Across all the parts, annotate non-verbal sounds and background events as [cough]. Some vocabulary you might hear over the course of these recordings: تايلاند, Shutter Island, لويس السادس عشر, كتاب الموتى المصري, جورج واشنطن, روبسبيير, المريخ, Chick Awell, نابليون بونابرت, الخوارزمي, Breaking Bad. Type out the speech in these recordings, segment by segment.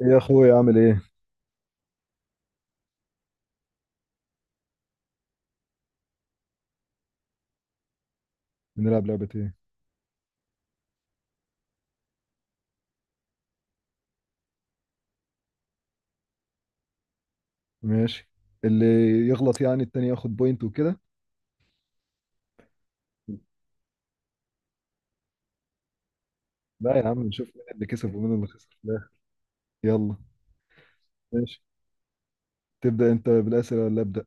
يا اخوي اعمل ايه؟ بنلعب لعبة ايه؟ ماشي، اللي يغلط يعني التاني ياخد بوينت وكده. لا يا عم، نشوف مين اللي كسب ومين اللي خسر في الاخر. يلا. ماشي، تبدأ انت بالأسئلة ولا أبدأ؟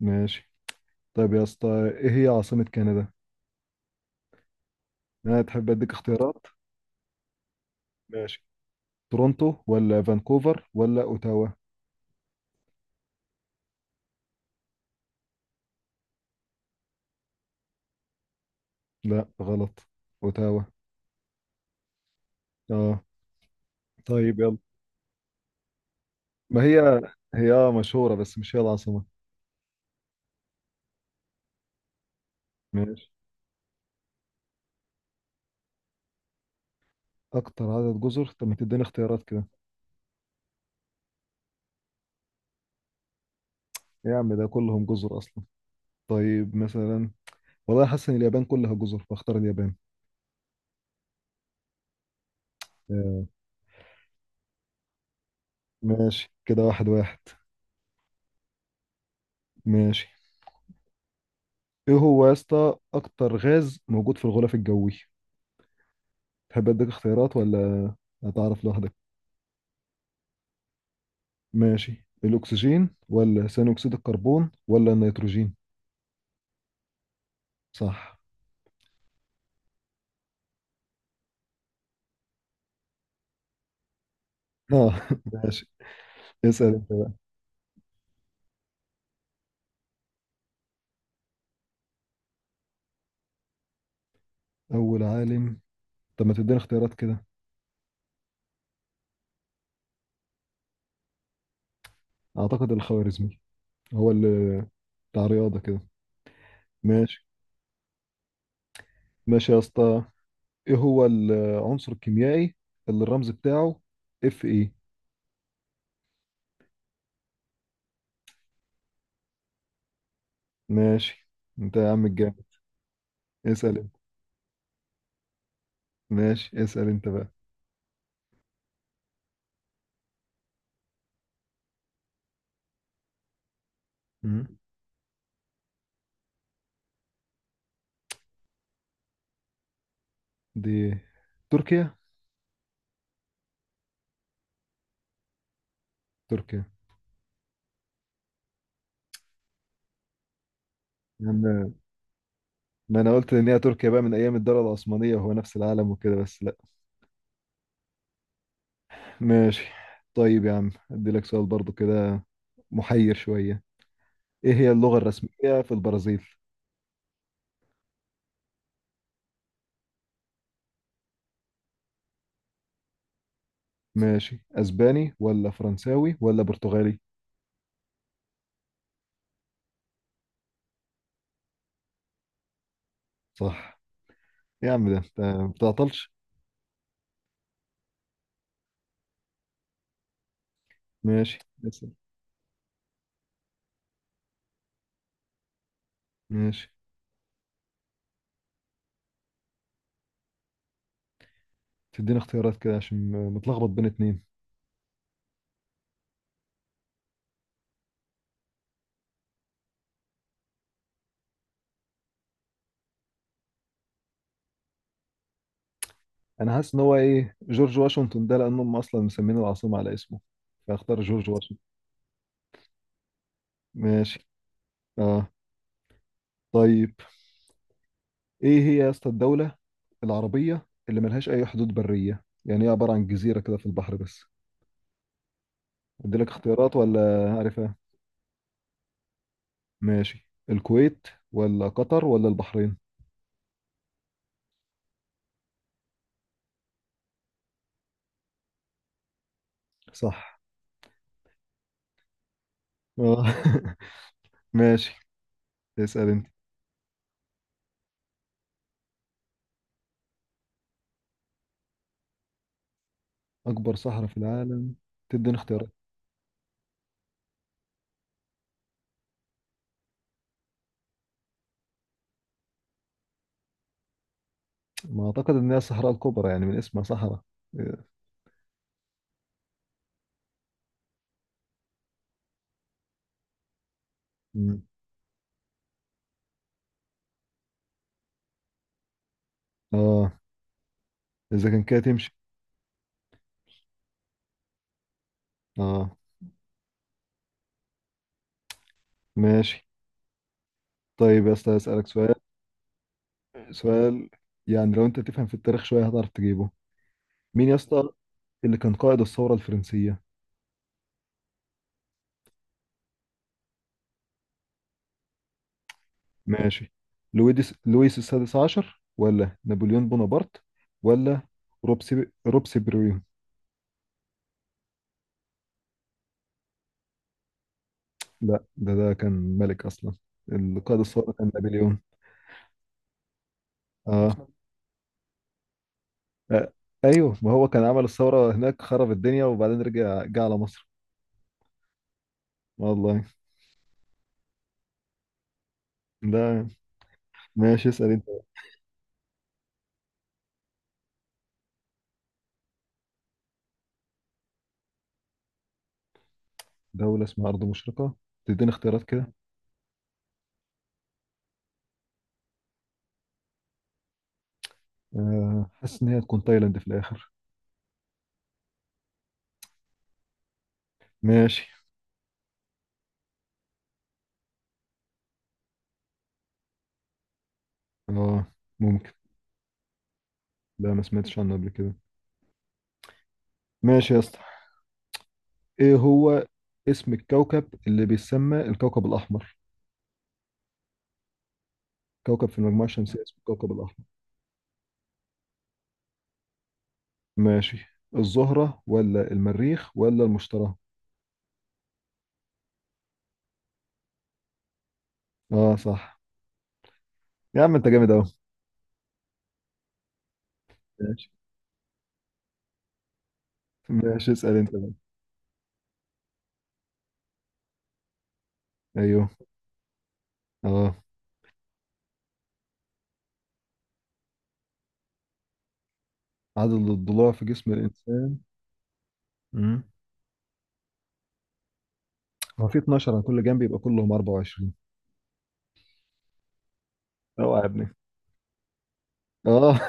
ماشي. طيب يا اسطى، ايه هي عاصمة كندا؟ انا تحب اديك اختيارات؟ ماشي، تورونتو ولا فانكوفر ولا اوتاوا؟ لا غلط، اوتاوا. اه، طيب يلا. ما هي هي آه مشهورة بس مش هي العاصمة. ماشي. اكتر عدد جزر؟ طب ما تديني اختيارات كده. إيه يا عم، ده كلهم جزر اصلا. طيب مثلا، والله حاسس ان اليابان كلها جزر فاختار اليابان. آه، ماشي كده، واحد واحد. ماشي. ايه هو يا اسطى اكتر غاز موجود في الغلاف الجوي؟ تحب اديك اختيارات ولا هتعرف لوحدك؟ ماشي، الاكسجين ولا ثاني اكسيد الكربون ولا النيتروجين؟ صح. اه [laughs] ماشي، اسال انت. اول عالم. طب ما تديني اختيارات كده. اعتقد الخوارزمي، هو اللي بتاع رياضه كده. ماشي. ماشي يا اسطى، ايه هو العنصر الكيميائي اللي الرمز بتاعه اف اي؟ ماشي، انت يا عم الجامد، اسأل انت. ماشي، اسأل انت بقى. مم. دي تركيا. تركيا؟ يعني ما انا قلت ان هي تركيا بقى من ايام الدولة العثمانية وهو نفس العالم وكده، بس لا. ماشي. طيب يا عم، ادي لك سؤال برضو كده محير شوية. ايه هي اللغة الرسمية في البرازيل؟ ماشي، اسباني ولا فرنساوي ولا برتغالي؟ صح. يا عم ده انت ما بتعطلش. ماشي، اسأل. ماشي، تديني اختيارات كده عشان متلخبط بين اتنين. انا حاسس ان هو ايه، جورج واشنطن ده لان هم اصلا مسمين العاصمه على اسمه، فاختار جورج واشنطن. ماشي. اه طيب، ايه هي يا اسطى الدوله العربيه اللي ملهاش اي حدود بريه، يعني هي عباره عن جزيره كده في البحر بس؟ ادي لك اختيارات ولا عارفها؟ ماشي، الكويت ولا قطر ولا البحرين؟ صح. اه [laughs] ماشي، اسال انت. اكبر صحراء في العالم؟ تديني اختيارات؟ ما اعتقد ان هي الصحراء الكبرى، يعني من اسمها صحراء. مم. اه، اذا كان كده تمشي. اه ماشي. طيب يا اسطى، اسالك سؤال. سؤال يعني لو انت تفهم في التاريخ شويه هتعرف تجيبه. مين يا اسطى اللي كان قائد الثوره الفرنسيه؟ ماشي، لويس السادس عشر ولا نابليون بونابرت ولا روبسي بريو؟ لا، ده كان ملك اصلا. القائد الثوره كان نابليون. اه، آه، ايوه، ما هو كان عمل الثوره هناك، خرب الدنيا وبعدين رجع جه على مصر. والله. ده ماشي، اسال. دولة اسمها أرض مشرقة؟ تديني اختيارات كده. حاسس إن هي تكون تايلاند في الآخر. ماشي. اه ممكن. لا ما سمعتش عنه قبل كده. ماشي يا اسطى. إيه هو اسم الكوكب اللي بيسمى الكوكب الأحمر؟ كوكب في المجموعة الشمسية اسمه الكوكب الأحمر. ماشي، الزهرة ولا المريخ ولا المشتري؟ اه صح. يا عم انت جامد أوي. ماشي. ماشي، اسأل انت بقى. ايوه. اه، عدد الضلوع في جسم الإنسان. مم. هو في 12 على كل جنب، يبقى كلهم 24. اوعى يا ابني. اه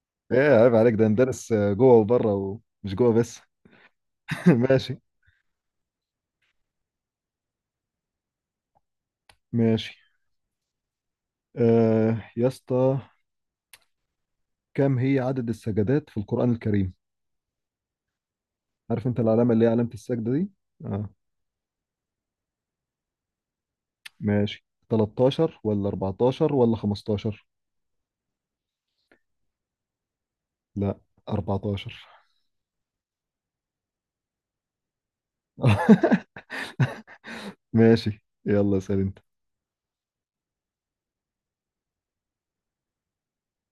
[laughs] ايه عيب عليك، ده ندرس جوه وبره ومش جوه بس. [laughs] ماشي. ماشي. آه يا اسطى، كم هي عدد السجدات في القرآن الكريم؟ عارف انت العلامة اللي هي علامة السجدة دي؟ اه. ماشي، 13 ولا 14 ولا 15؟ لا، 14. [laughs] ماشي، يلا اسأل انت.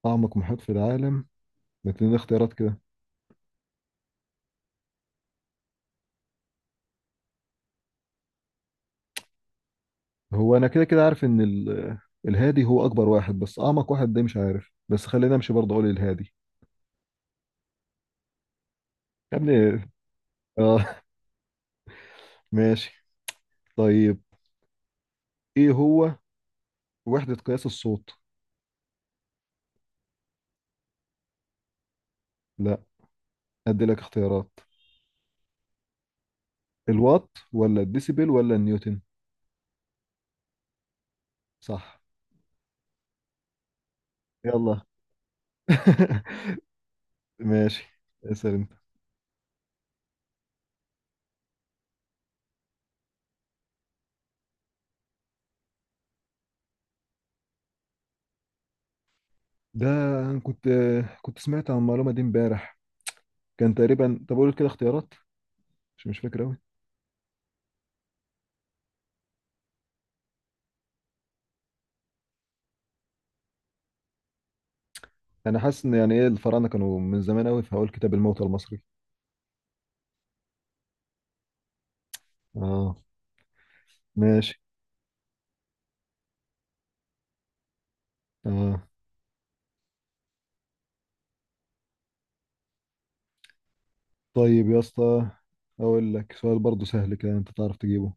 أعمق محيط في العالم؟ ما تديني اختيارات كده. هو أنا كده كده عارف إن ال- الهادي هو أكبر واحد، بس أعمق واحد ده مش عارف، بس خلينا أمشي برضه، أقول الهادي. يا ابني. آه. ماشي. طيب، ايه هو وحدة قياس الصوت؟ لا، ادي لك اختيارات. الوات ولا الديسيبل ولا النيوتن؟ صح. يلا. [laughs] ماشي، اسأل انت. ده أنا كنت سمعت عن المعلومة دي امبارح، كان تقريبا، طب اقول كده اختيارات، مش فاكر قوي. انا حاسس ان يعني ايه، الفراعنة كانوا من زمان قوي، فهقول كتاب الموتى المصري. اه ماشي. اه طيب يا اسطى، اقول لك سؤال برضه سهل كده انت تعرف تجيبه.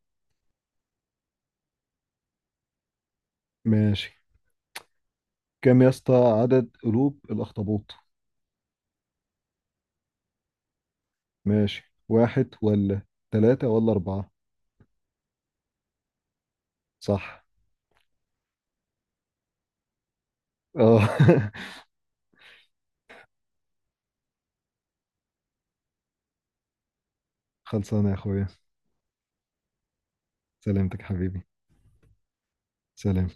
ماشي، كم يا اسطى عدد قلوب الاخطبوط؟ ماشي، واحد ولا ثلاثة ولا أربعة؟ صح. اه [laughs] خلصانة يا أخويا. سلامتك حبيبي. سلام.